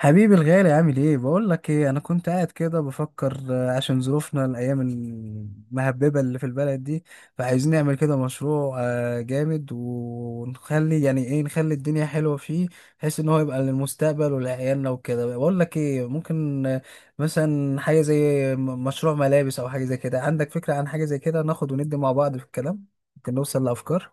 حبيبي الغالي، عامل ايه؟ بقول لك ايه، انا كنت قاعد كده بفكر، عشان ظروفنا الايام المهببه اللي في البلد دي. فعايزين نعمل كده مشروع جامد، ونخلي يعني ايه، نخلي الدنيا حلوه فيه، بحيث ان هو يبقى للمستقبل ولعيالنا وكده. بقول لك ايه، ممكن مثلا حاجه زي مشروع ملابس او حاجه زي كده. عندك فكره عن حاجه زي كده؟ ناخد وندي مع بعض في الكلام، ممكن نوصل لافكار.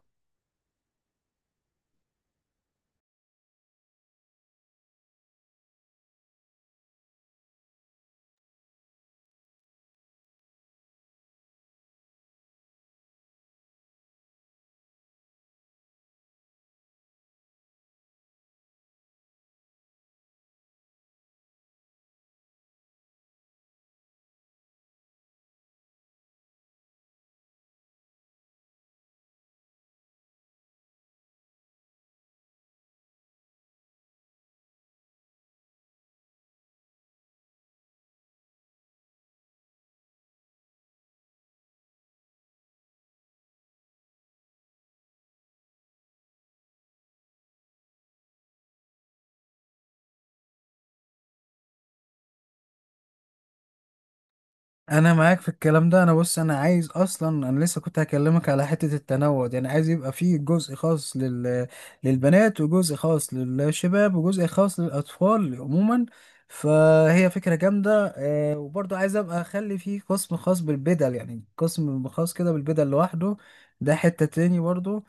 انا معاك في الكلام ده. انا بص، انا عايز اصلا، انا لسه كنت هكلمك على حتة التنوع دي. انا عايز يبقى فيه جزء خاص لل... للبنات، وجزء خاص للشباب، وجزء خاص للاطفال عموما. فهي فكرة جامدة وبرضه عايز ابقى اخلي فيه قسم خاص بالبدل، يعني قسم خاص كده بالبدل لوحده، ده حتة تاني برضه.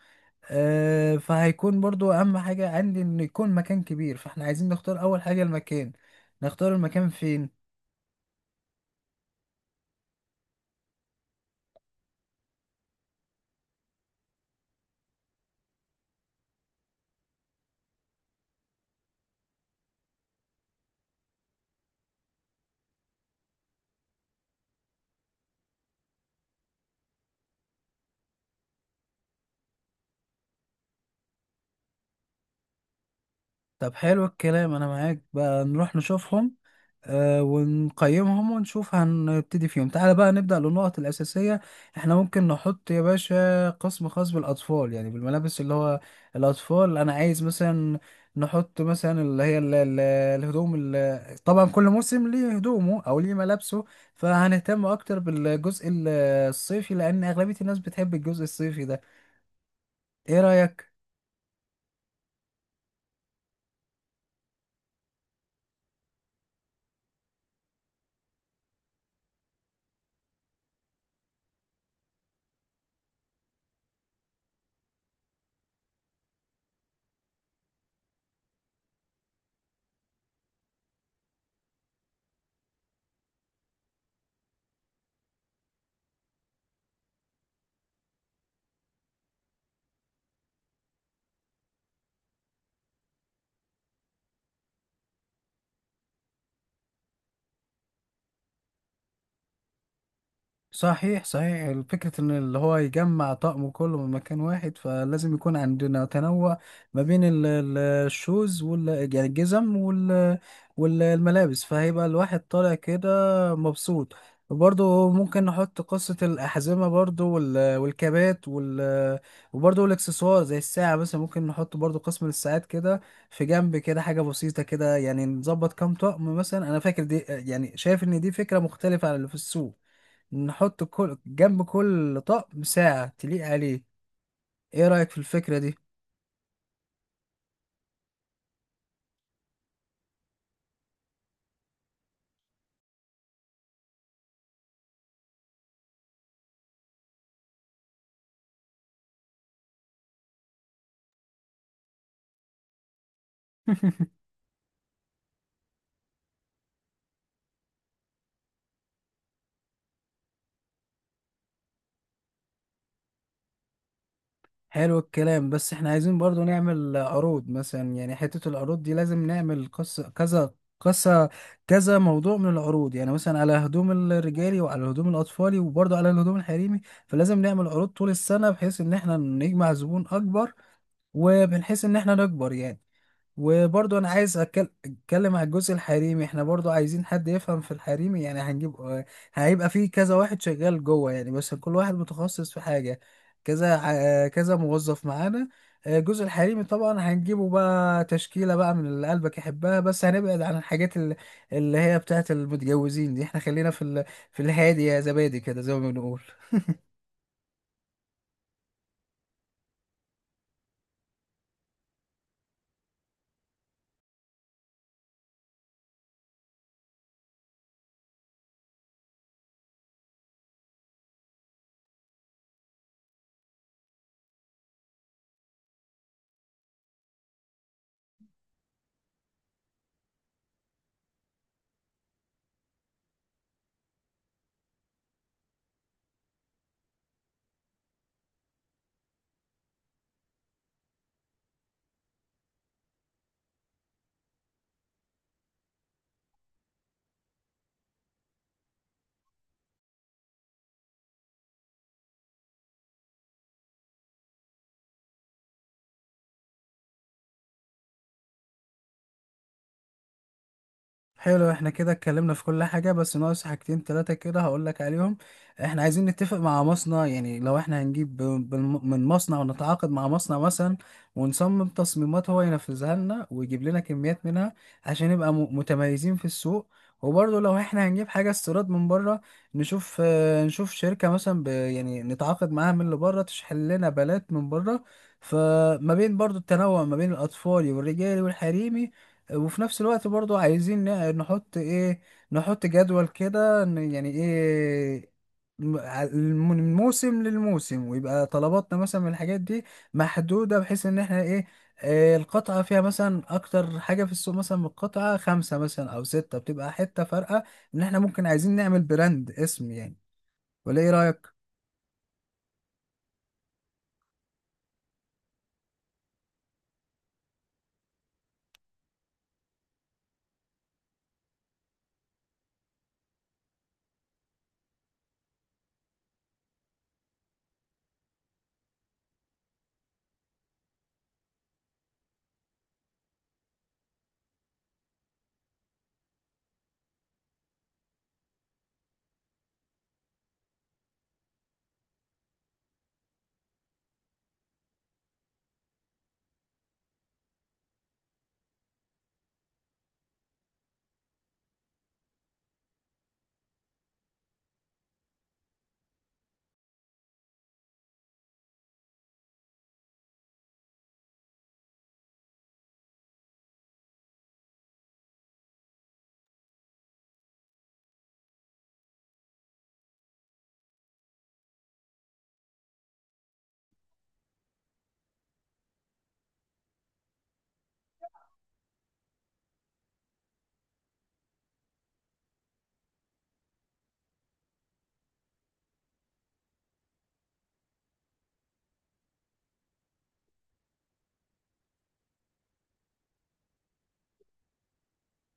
فهيكون برضه اهم حاجة عندي ان يكون مكان كبير، فاحنا عايزين نختار اول حاجة المكان. نختار المكان فين؟ طب حلو الكلام، انا معاك، بقى نروح نشوفهم ونقيمهم ونشوف هنبتدي فيهم. تعالى بقى نبدأ للنقط الأساسية. احنا ممكن نحط يا باشا قسم خاص بالأطفال، يعني بالملابس اللي هو الأطفال. انا عايز مثلا نحط مثلا اللي هي الهدوم طبعا كل موسم ليه هدومه او ليه ملابسه. فهنهتم اكتر بالجزء الصيفي، لان اغلبية الناس بتحب الجزء الصيفي ده. ايه رأيك؟ صحيح صحيح، فكرة ان اللي هو يجمع طقمه كله من مكان واحد، فلازم يكون عندنا تنوع ما بين الشوز وال، يعني الجزم، وال والملابس، فهيبقى الواحد طالع كده مبسوط. وبرضه ممكن نحط قصة الأحزمة برضه، والكابات وال، وبرضه الإكسسوار زي الساعة مثلا، ممكن نحط برضه قسم للساعات كده في جنب، كده حاجة بسيطة كده يعني، نظبط كام طقم مثلا. أنا فاكر دي، يعني شايف إن دي فكرة مختلفة عن اللي في السوق. نحط كل جنب كل طقم ساعة تليق عليه. ايه رأيك في الفكرة دي؟ حلو الكلام، بس احنا عايزين برضو نعمل عروض مثلا، يعني حتة العروض دي لازم نعمل قصة كذا قصة، كذا موضوع من العروض، يعني مثلا على هدوم الرجالي، وعلى هدوم الأطفالي، وبرضو على الهدوم الحريمي. فلازم نعمل عروض طول السنة، بحيث ان احنا نجمع زبون أكبر، وبنحيث ان احنا نكبر يعني. وبرضو انا عايز اتكلم على الجزء الحريمي. احنا برضو عايزين حد يفهم في الحريمي، يعني هنجيب هيبقى فيه كذا واحد شغال جوه يعني، بس كل واحد متخصص في حاجة، كذا كذا موظف معانا. الجزء الحريمي طبعا هنجيبه بقى تشكيلة بقى من اللي قلبك يحبها، بس هنبعد عن الحاجات اللي هي بتاعت المتجوزين دي، احنا خلينا في ال... في الهادي يا زبادي كده، زي ما بنقول. حلو، احنا كده اتكلمنا في كل حاجة، بس ناقص حاجتين تلاتة كده هقولك عليهم. احنا عايزين نتفق مع مصنع، يعني لو احنا هنجيب من مصنع، ونتعاقد مع مصنع مثلا، ونصمم تصميمات هو ينفذها لنا ويجيب لنا كميات منها، عشان نبقى متميزين في السوق. وبرضه لو احنا هنجيب حاجة استيراد من بره، نشوف نشوف شركة مثلا ب يعني نتعاقد معاها من اللي بره، تشحن لنا بلات من بره. فما بين برضه التنوع ما بين الأطفال والرجالي والحريمي، وفي نفس الوقت برضو عايزين نحط ايه، نحط جدول كده يعني ايه، من موسم للموسم، ويبقى طلباتنا مثلا من الحاجات دي محدودة، بحيث ان احنا ايه، القطعة فيها مثلا أكتر حاجة في السوق، مثلا من القطعة خمسة مثلا أو ستة، بتبقى حتة فارقة. إن إحنا ممكن عايزين نعمل براند اسم يعني، ولا إيه رأيك؟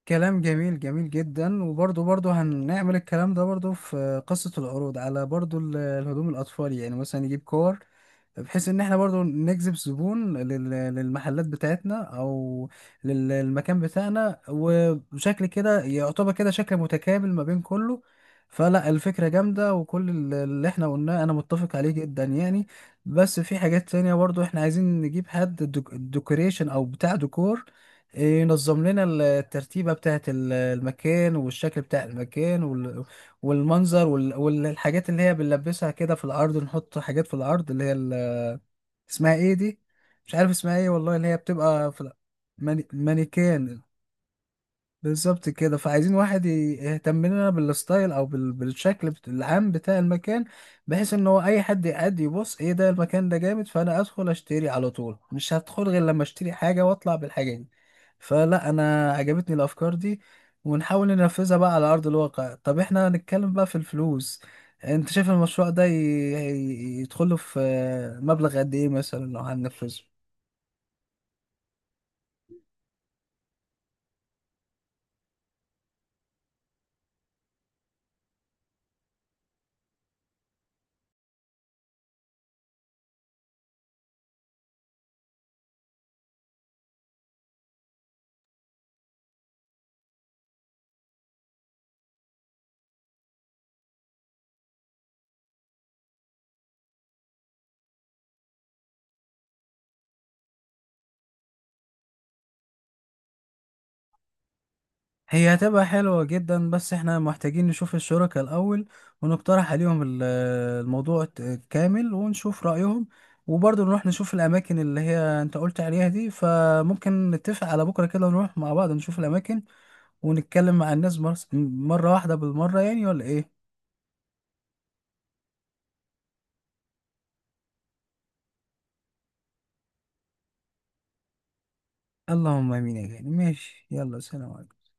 كلام جميل، جميل جدا. وبرضه برضه هنعمل الكلام ده برضه في قصة العروض، على برضه الهدوم الأطفال، يعني مثلا نجيب كور، بحيث ان احنا برضو نجذب زبون للمحلات بتاعتنا، او للمكان بتاعنا. وشكل كده يعتبر كده شكل متكامل ما بين كله. فلا الفكرة جامدة، وكل اللي احنا قلناه انا متفق عليه جدا يعني. بس في حاجات تانية برضو، احنا عايزين نجيب حد ديكوريشن او بتاع ديكور ينظم لنا الترتيبة بتاعت المكان، والشكل بتاع المكان، والمنظر، والحاجات اللي هي بنلبسها كده في الأرض، نحط حاجات في الأرض اللي هي اسمها ايه دي، مش عارف اسمها ايه والله، اللي هي بتبقى في ماني... مانيكان. بالظبط كده. فعايزين واحد يهتم لنا بالستايل، او بال... بالشكل بت... العام بتاع المكان، بحيث ان هو اي حد يقعد يبص ايه ده المكان ده جامد، فانا ادخل اشتري على طول، مش هدخل غير لما اشتري حاجة واطلع بالحاجة دي. فلا انا عجبتني الافكار دي، ونحاول ننفذها بقى على ارض الواقع. طب احنا هنتكلم بقى في الفلوس. انت شايف المشروع ده يدخله في مبلغ قد ايه مثلا لو هننفذه؟ هي هتبقى حلوة جدا، بس احنا محتاجين نشوف الشركاء الأول، ونقترح عليهم الموضوع كامل، ونشوف رأيهم. وبرضه نروح نشوف الأماكن اللي هي أنت قلت عليها دي، فممكن نتفق على بكرة كده نروح مع بعض نشوف الأماكن، ونتكلم مع الناس مرة واحدة بالمرة يعني، ولا إيه؟ اللهم آمين يا غالي. ماشي، يلا، سلام عليكم.